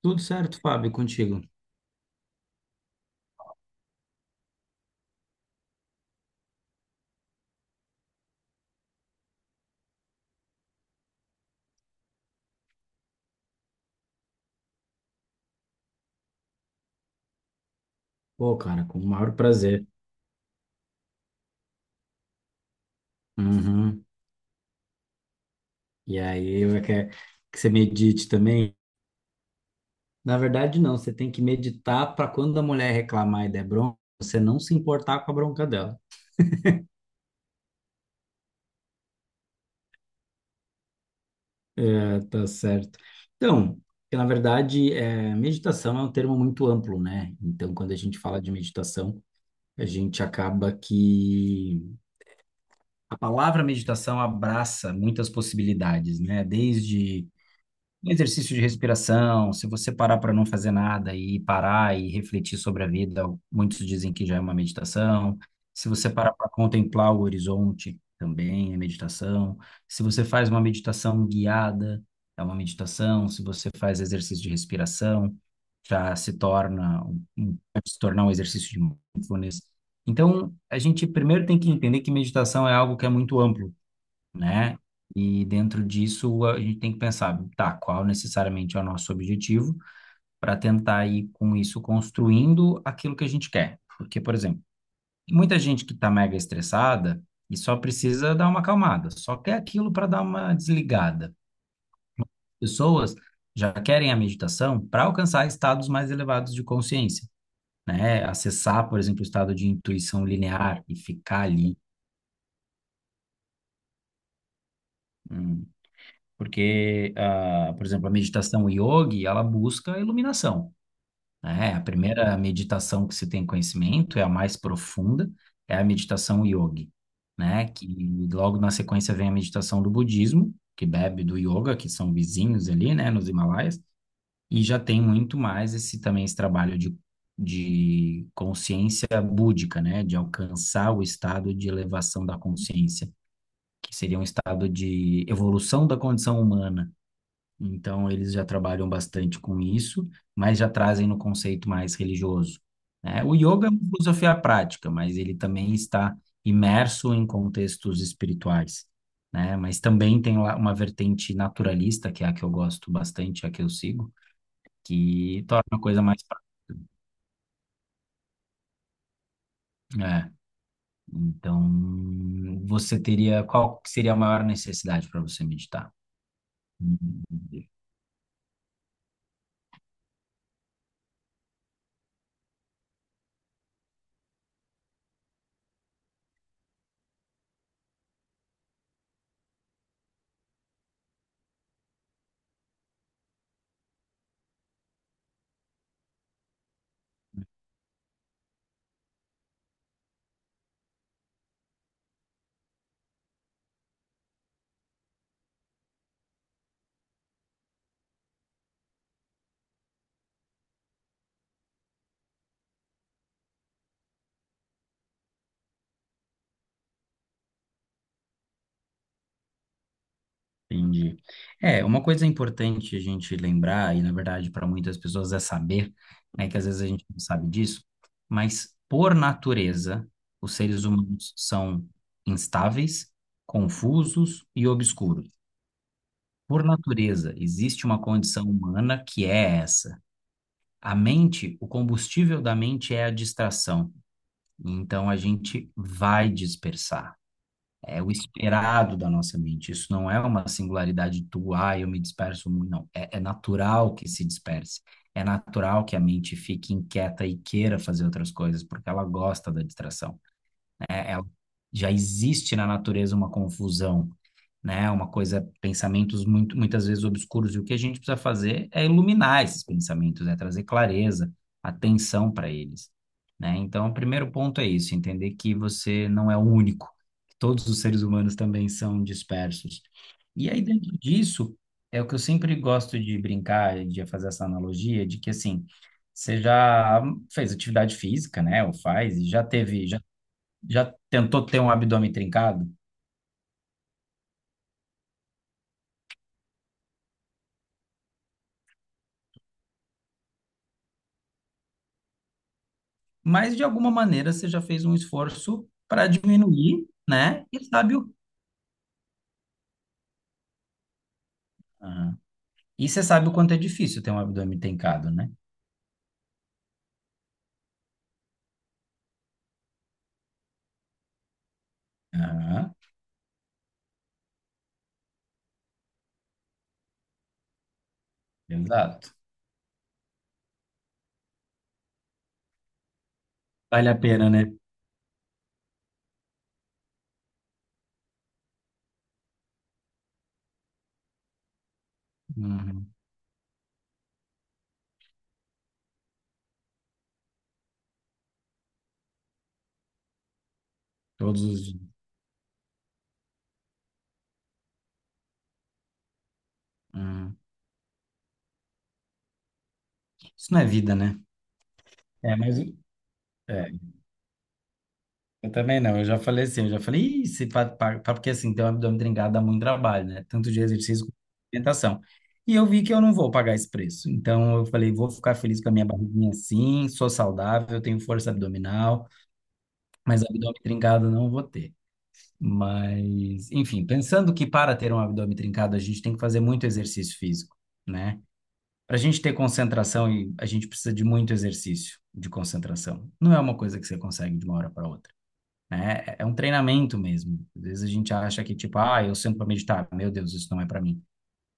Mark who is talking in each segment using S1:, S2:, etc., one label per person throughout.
S1: Tudo certo, Fábio, contigo? Pô, cara, com o maior prazer. Uhum. E aí, eu quero que você medite também. Na verdade, não, você tem que meditar para quando a mulher reclamar e der bronca, você não se importar com a bronca dela. É, tá certo. Então, que na verdade, meditação é um termo muito amplo, né? Então, quando a gente fala de meditação, a gente acaba que a palavra meditação abraça muitas possibilidades, né? Desde um exercício de respiração, se você parar para não fazer nada e parar e refletir sobre a vida, muitos dizem que já é uma meditação. Se você parar para contemplar o horizonte, também é meditação. Se você faz uma meditação guiada, é uma meditação. Se você faz exercício de respiração, já se torna pode se tornar um exercício de mindfulness. Então, a gente primeiro tem que entender que meditação é algo que é muito amplo, né? E dentro disso a gente tem que pensar, tá, qual necessariamente é o nosso objetivo para tentar ir com isso construindo aquilo que a gente quer. Porque, por exemplo, muita gente que está mega estressada e só precisa dar uma acalmada, só quer aquilo para dar uma desligada. Pessoas já querem a meditação para alcançar estados mais elevados de consciência, né? Acessar, por exemplo, o estado de intuição linear e ficar ali. hum, Porque, por exemplo, a meditação yogi, ela busca a iluminação, né? A primeira meditação que se tem conhecimento é a mais profunda, é a meditação yogi, né? Que logo na sequência vem a meditação do budismo, que bebe do yoga, que são vizinhos ali, né, nos Himalaias, e já tem muito mais esse também esse trabalho de consciência búdica, né, de alcançar o estado de elevação da consciência, que seria um estado de evolução da condição humana, então, eles já trabalham bastante com isso, mas já trazem no conceito mais religioso. Né? O yoga é uma filosofia prática, mas ele também está imerso em contextos espirituais, né? Mas também tem lá uma vertente naturalista, que é a que eu gosto bastante, a que eu sigo, que torna a coisa mais prática. É, então, você teria, qual que seria a maior necessidade para você meditar? Hum. Entendi. É, uma coisa importante a gente lembrar, e na verdade para muitas pessoas é saber, né, que às vezes a gente não sabe disso, mas por natureza, os seres humanos são instáveis, confusos e obscuros. Por natureza, existe uma condição humana que é essa. A mente, o combustível da mente é a distração. Então a gente vai dispersar. É o esperado da nossa mente. Isso não é uma singularidade tua, ah, eu me disperso muito, não. É, é natural que se disperse. É natural que a mente fique inquieta e queira fazer outras coisas, porque ela gosta da distração. Né? Já existe na natureza uma confusão. Né? Uma coisa, pensamentos muito, muitas vezes obscuros, e o que a gente precisa fazer é iluminar esses pensamentos, é trazer clareza, atenção para eles, né? Então, o primeiro ponto é isso, entender que você não é o único, que todos os seres humanos também são dispersos. E aí, dentro disso, é o que eu sempre gosto de brincar, de fazer essa analogia, de que, assim, você já fez atividade física, né? Ou faz, e já teve, já tentou ter um abdômen trincado? Mas de alguma maneira você já fez um esforço para diminuir, né? E sabe o... Aham. E você sabe o quanto é difícil ter um abdômen trincado, né? Aham. Exato. Vale a pena, né? Uhum. Todos os dias. Uhum. Isso não é vida, né? É, mas é, eu também não. Eu já falei assim, eu já falei, "Ih, se pa- pa- pa-", porque assim, ter um abdômen trincado dá muito trabalho, né? Tanto de exercício quanto de alimentação. E eu vi que eu não vou pagar esse preço. Então eu falei, vou ficar feliz com a minha barriguinha assim, sou saudável, tenho força abdominal. Mas abdômen trincado não vou ter. Mas, enfim, pensando que para ter um abdômen trincado a gente tem que fazer muito exercício físico, né? Para a gente ter concentração, e a gente precisa de muito exercício de concentração. Não é uma coisa que você consegue de uma hora para outra, né? É um treinamento mesmo. Às vezes a gente acha que, tipo, ah, eu sento para meditar, meu Deus, isso não é para mim.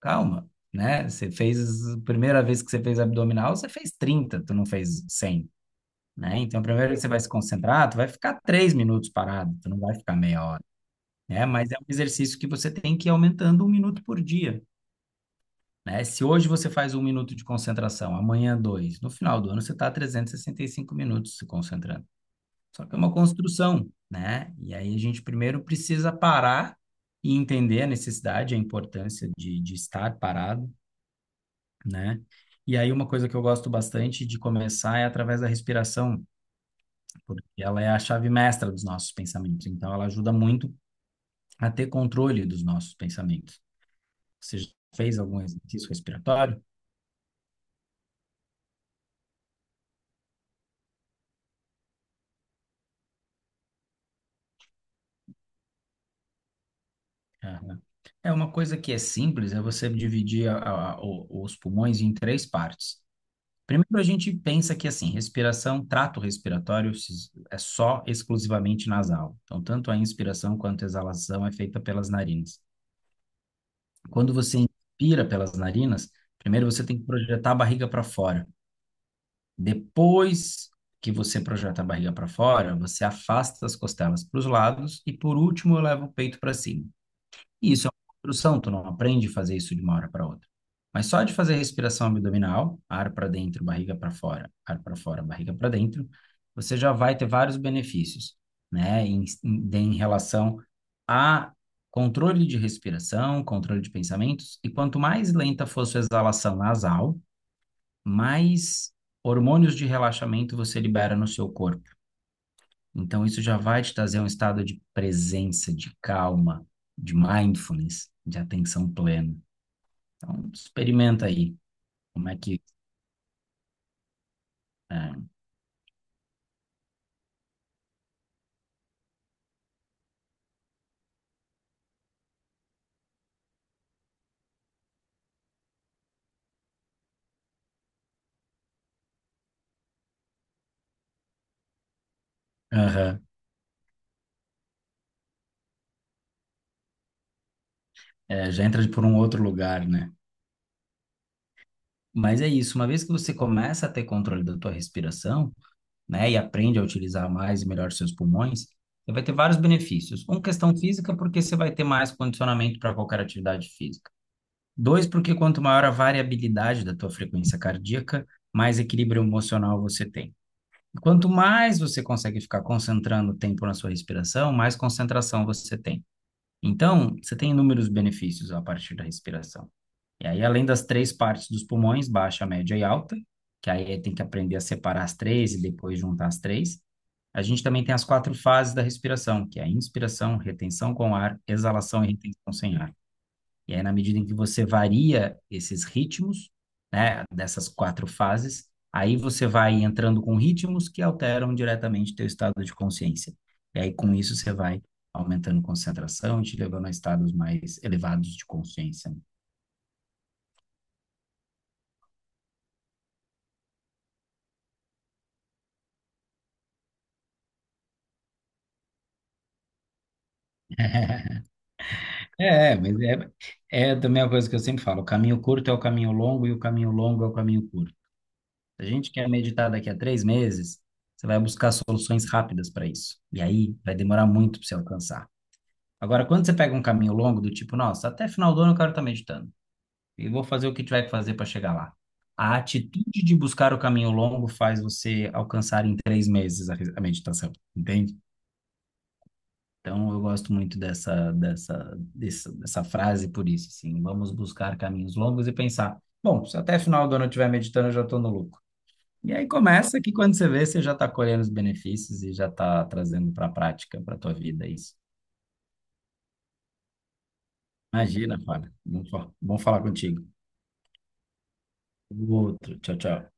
S1: Calma, né? Você fez, a primeira vez que você fez abdominal, você fez 30, tu não fez 100, né? Então, primeiro que você vai se concentrar, tu vai ficar 3 minutos parado, tu não vai ficar meia hora, né? Mas é um exercício que você tem que ir aumentando 1 minuto por dia, né? Se hoje você faz 1 minuto de concentração, amanhã dois, no final do ano você está trezentos e sessenta e cinco minutos se concentrando. Só que é uma construção, né? E aí a gente primeiro precisa parar e entender a necessidade, a importância de estar parado, né? E aí uma coisa que eu gosto bastante de começar é através da respiração, porque ela é a chave mestra dos nossos pensamentos. Então, ela ajuda muito a ter controle dos nossos pensamentos. Você já fez algum exercício respiratório? Aham. É uma coisa que é simples, é você dividir os pulmões em três partes. Primeiro, a gente pensa que, assim, respiração, trato respiratório é só exclusivamente nasal. Então, tanto a inspiração quanto a exalação é feita pelas narinas. Quando você inspira pelas narinas, primeiro você tem que projetar a barriga para fora. Depois que você projeta a barriga para fora, você afasta as costelas para os lados e, por último, leva o peito para cima. E isso é uma construção, tu não aprende a fazer isso de uma hora para outra. Mas só de fazer respiração abdominal, ar para dentro, barriga para fora, ar para fora, barriga para dentro, você já vai ter vários benefícios, né? Em relação a controle de respiração, controle de pensamentos, e quanto mais lenta for sua exalação nasal, mais hormônios de relaxamento você libera no seu corpo. Então, isso já vai te trazer um estado de presença, de calma, de mindfulness, de atenção plena. Então, experimenta aí como é que. É, aham. É, já entra por um outro lugar, né? Mas é isso, uma vez que você começa a ter controle da tua respiração, né, e aprende a utilizar mais e melhor seus pulmões, você vai ter vários benefícios. Um, questão física, porque você vai ter mais condicionamento para qualquer atividade física. Dois, porque quanto maior a variabilidade da tua frequência cardíaca, mais equilíbrio emocional você tem. E quanto mais você consegue ficar concentrando o tempo na sua respiração, mais concentração você tem. Então, você tem inúmeros benefícios a partir da respiração. E aí, além das três partes dos pulmões, baixa, média e alta, que aí tem que aprender a separar as três e depois juntar as três. A gente também tem as quatro fases da respiração, que é a inspiração, retenção com ar, exalação e retenção sem ar. E aí, na medida em que você varia esses ritmos, né, dessas quatro fases, aí você vai entrando com ritmos que alteram diretamente teu estado de consciência. E aí, com isso, você vai aumentando concentração e te levando a estados mais elevados de consciência. É, mas é também uma coisa que eu sempre falo: o caminho curto é o caminho longo e o caminho longo é o caminho curto. Se a gente quer meditar daqui a 3 meses, você vai buscar soluções rápidas para isso. E aí vai demorar muito para você alcançar. Agora, quando você pega um caminho longo do tipo, nossa, até final do ano eu quero estar meditando e vou fazer o que tiver que fazer para chegar lá. A atitude de buscar o caminho longo faz você alcançar em 3 meses a meditação, entende? Então, eu gosto muito dessa frase por isso, assim, vamos buscar caminhos longos e pensar, bom, se até final do ano eu estiver meditando, eu já estou no lucro. E aí começa que quando você vê, você já está colhendo os benefícios e já está trazendo para a prática, para a tua vida isso. Imagina, Fábio. Bom, bom falar contigo. Outro. Tchau, tchau.